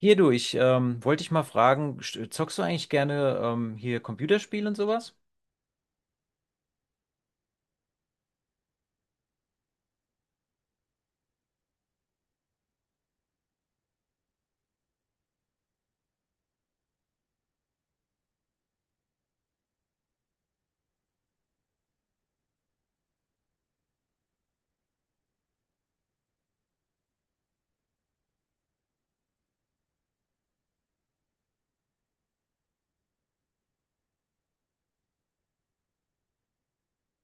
Hier du, ich wollte dich mal fragen, zockst du eigentlich gerne hier Computerspiele und sowas?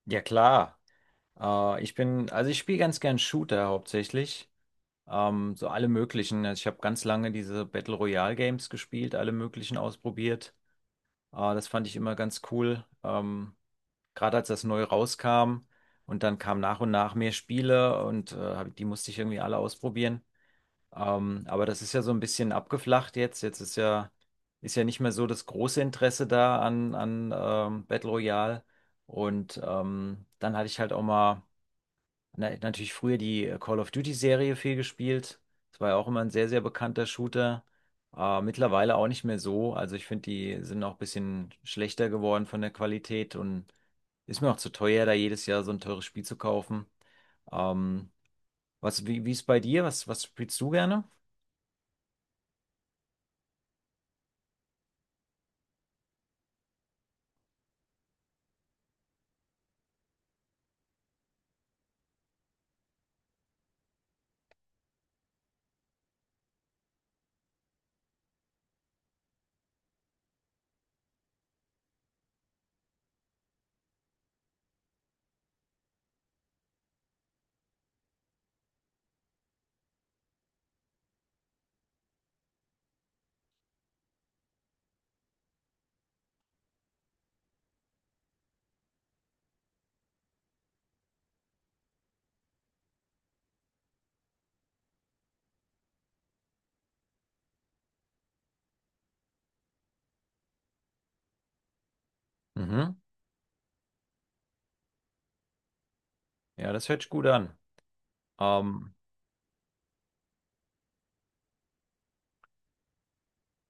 Ja klar. Also ich spiele ganz gern Shooter hauptsächlich. So alle möglichen. Also ich habe ganz lange diese Battle Royale Games gespielt, alle möglichen ausprobiert. Das fand ich immer ganz cool. Gerade als das neu rauskam und dann kamen nach und nach mehr Spiele und die musste ich irgendwie alle ausprobieren. Aber das ist ja so ein bisschen abgeflacht jetzt. Jetzt ist ja nicht mehr so das große Interesse da an Battle Royale. Und dann hatte ich halt auch mal natürlich früher die Call of Duty-Serie viel gespielt. Das war ja auch immer ein sehr, sehr bekannter Shooter. Mittlerweile auch nicht mehr so. Also ich finde, die sind auch ein bisschen schlechter geworden von der Qualität und ist mir auch zu teuer, da jedes Jahr so ein teures Spiel zu kaufen. Ähm, Wie ist bei dir? Was, was spielst du gerne? Mhm. Ja, das hört sich gut an. Ähm,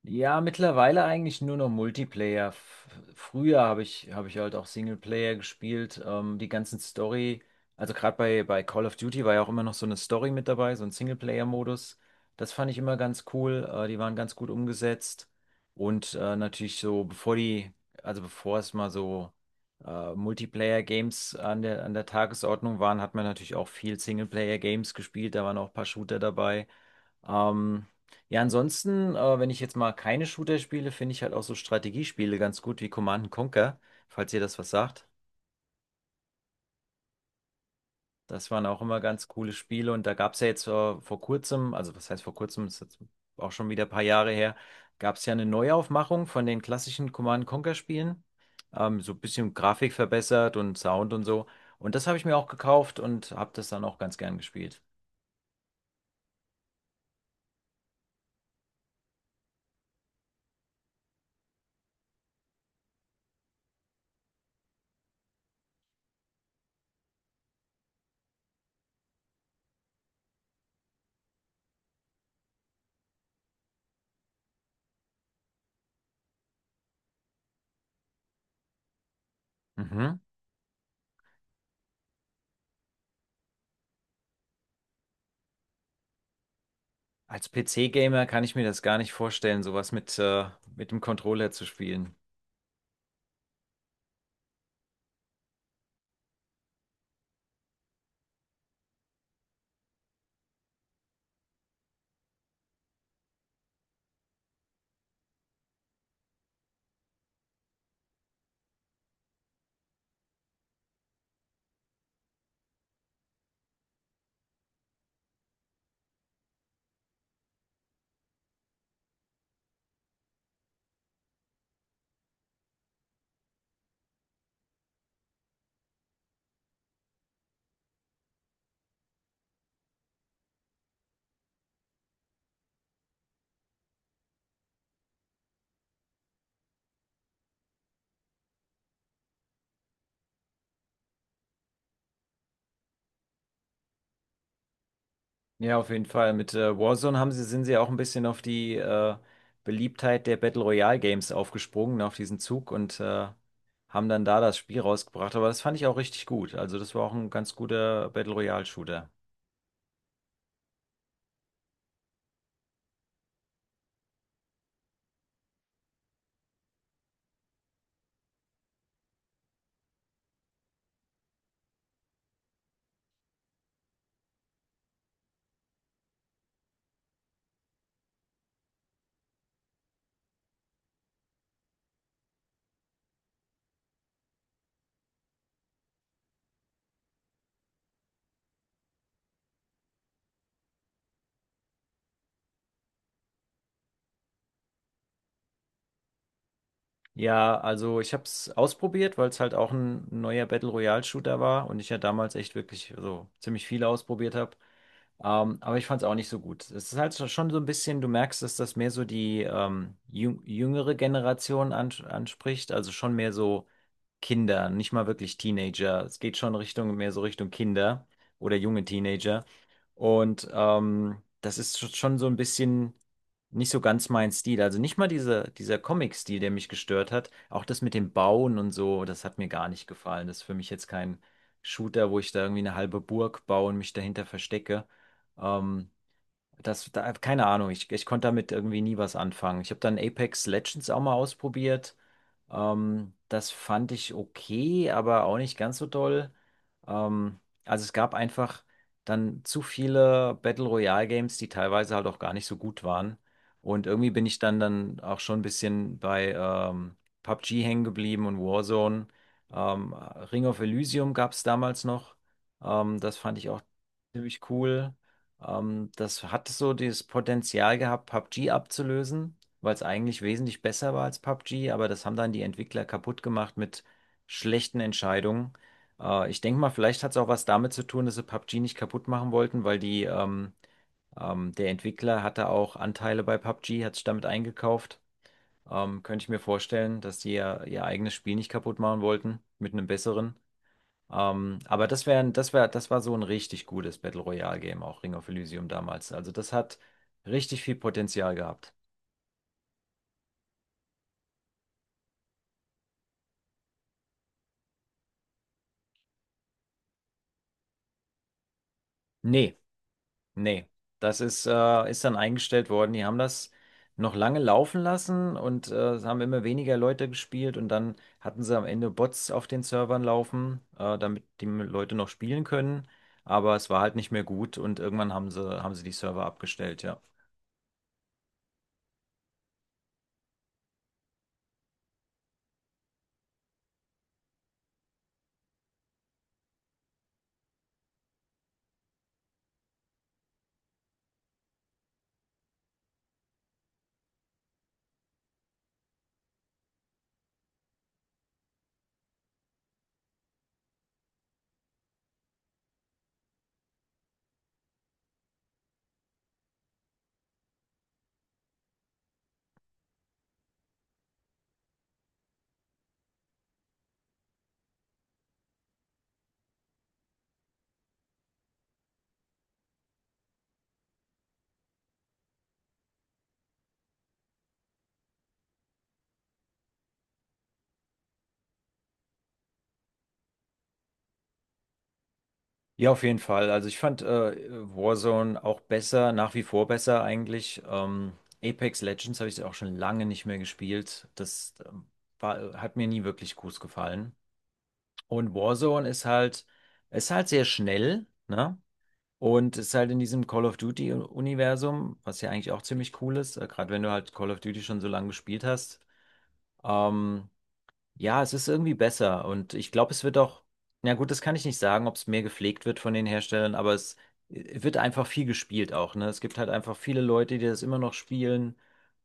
ja, mittlerweile eigentlich nur noch Multiplayer. F früher habe ich halt auch Singleplayer gespielt. Die ganzen Story, also gerade bei Call of Duty war ja auch immer noch so eine Story mit dabei, so ein Singleplayer-Modus. Das fand ich immer ganz cool. Die waren ganz gut umgesetzt. Und natürlich so, bevor die, also bevor es mal so Multiplayer-Games an der Tagesordnung waren, hat man natürlich auch viel Singleplayer-Games gespielt. Da waren auch ein paar Shooter dabei. Ähm, ja, ansonsten, wenn ich jetzt mal keine Shooter spiele, finde ich halt auch so Strategiespiele ganz gut wie Command and Conquer, falls ihr das was sagt. Das waren auch immer ganz coole Spiele und da gab es ja jetzt vor kurzem, also was heißt vor kurzem, ist jetzt auch schon wieder ein paar Jahre her, gab es ja eine Neuaufmachung von den klassischen Command and Conquer Spielen. So ein bisschen Grafik verbessert und Sound und so. Und das habe ich mir auch gekauft und habe das dann auch ganz gern gespielt. Mhm. Als PC-Gamer kann ich mir das gar nicht vorstellen, sowas mit dem Controller zu spielen. Ja, auf jeden Fall. Mit Warzone sind sie auch ein bisschen auf die Beliebtheit der Battle Royale Games aufgesprungen, auf diesen Zug und haben dann da das Spiel rausgebracht. Aber das fand ich auch richtig gut. Also das war auch ein ganz guter Battle Royale Shooter. Ja, also ich habe es ausprobiert, weil es halt auch ein neuer Battle Royale Shooter war und ich ja damals echt wirklich so ziemlich viel ausprobiert habe. Aber ich fand es auch nicht so gut. Es ist halt so- schon so ein bisschen, du merkst, dass das mehr so die jüngere Generation anspricht, also schon mehr so Kinder, nicht mal wirklich Teenager. Es geht schon Richtung, mehr so Richtung Kinder oder junge Teenager. Und das ist schon so ein bisschen nicht so ganz mein Stil. Also nicht mal dieser Comic-Stil, der mich gestört hat. Auch das mit dem Bauen und so, das hat mir gar nicht gefallen. Das ist für mich jetzt kein Shooter, wo ich da irgendwie eine halbe Burg baue und mich dahinter verstecke. Ähm, das, da, keine Ahnung, ich konnte damit irgendwie nie was anfangen. Ich habe dann Apex Legends auch mal ausprobiert. Das fand ich okay, aber auch nicht ganz so toll. Ähm, also es gab einfach dann zu viele Battle Royale Games, die teilweise halt auch gar nicht so gut waren. Und irgendwie bin ich dann auch schon ein bisschen bei PUBG hängen geblieben und Warzone. Ring of Elysium gab es damals noch. Das fand ich auch ziemlich cool. Das hat so dieses Potenzial gehabt, PUBG abzulösen, weil es eigentlich wesentlich besser war als PUBG, aber das haben dann die Entwickler kaputt gemacht mit schlechten Entscheidungen. Ich denke mal, vielleicht hat es auch was damit zu tun, dass sie PUBG nicht kaputt machen wollten, weil der Entwickler hatte auch Anteile bei PUBG, hat sich damit eingekauft. Könnte ich mir vorstellen, dass die ihr eigenes Spiel nicht kaputt machen wollten mit einem besseren. Aber das wäre, das wär, das war so ein richtig gutes Battle Royale Game, auch Ring of Elysium damals. Also das hat richtig viel Potenzial gehabt. Nee, nee. Das ist, ist dann eingestellt worden. Die haben das noch lange laufen lassen und es haben immer weniger Leute gespielt und dann hatten sie am Ende Bots auf den Servern laufen, damit die Leute noch spielen können. Aber es war halt nicht mehr gut und irgendwann haben sie die Server abgestellt, ja. Ja, auf jeden Fall. Also ich fand Warzone auch besser, nach wie vor besser eigentlich. Apex Legends habe ich auch schon lange nicht mehr gespielt. Das hat mir nie wirklich gut gefallen. Und ist halt sehr schnell, ne? Und ist halt in diesem Call of Duty-Universum, was ja eigentlich auch ziemlich cool ist, gerade wenn du halt Call of Duty schon so lange gespielt hast. Ähm, ja, es ist irgendwie besser und ich glaube, es wird auch, na gut, das kann ich nicht sagen, ob es mehr gepflegt wird von den Herstellern, aber es wird einfach viel gespielt auch, ne? Es gibt halt einfach viele Leute, die das immer noch spielen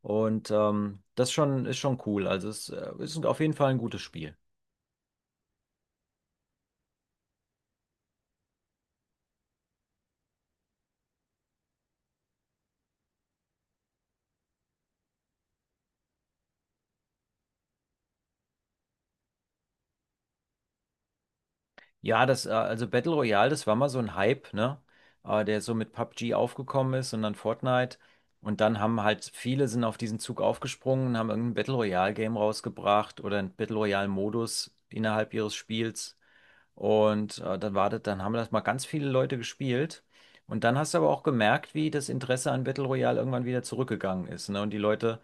und das ist schon cool. Also es ist auf jeden Fall ein gutes Spiel. Also Battle Royale, das war mal so ein Hype, ne? Der so mit PUBG aufgekommen ist und dann Fortnite. Und dann haben halt viele sind auf diesen Zug aufgesprungen, und haben irgendein Battle Royale Game rausgebracht oder ein Battle Royale Modus innerhalb ihres Spiels. Und dann war das, dann haben das mal ganz viele Leute gespielt. Und dann hast du aber auch gemerkt, wie das Interesse an Battle Royale irgendwann wieder zurückgegangen ist, ne? Und die Leute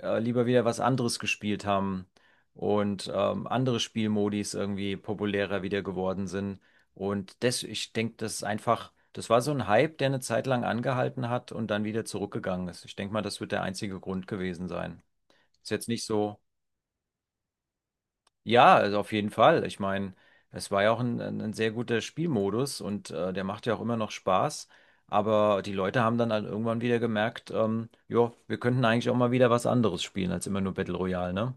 lieber wieder was anderes gespielt haben und andere Spielmodis irgendwie populärer wieder geworden sind. Und das, ich denke, das ist einfach, das war so ein Hype, der eine Zeit lang angehalten hat und dann wieder zurückgegangen ist. Ich denke mal, das wird der einzige Grund gewesen sein. Ist jetzt nicht so. Ja, also auf jeden Fall. Ich meine, es war ja auch ein sehr guter Spielmodus und der macht ja auch immer noch Spaß. Aber die Leute haben dann halt irgendwann wieder gemerkt, ja, wir könnten eigentlich auch mal wieder was anderes spielen als immer nur Battle Royale, ne?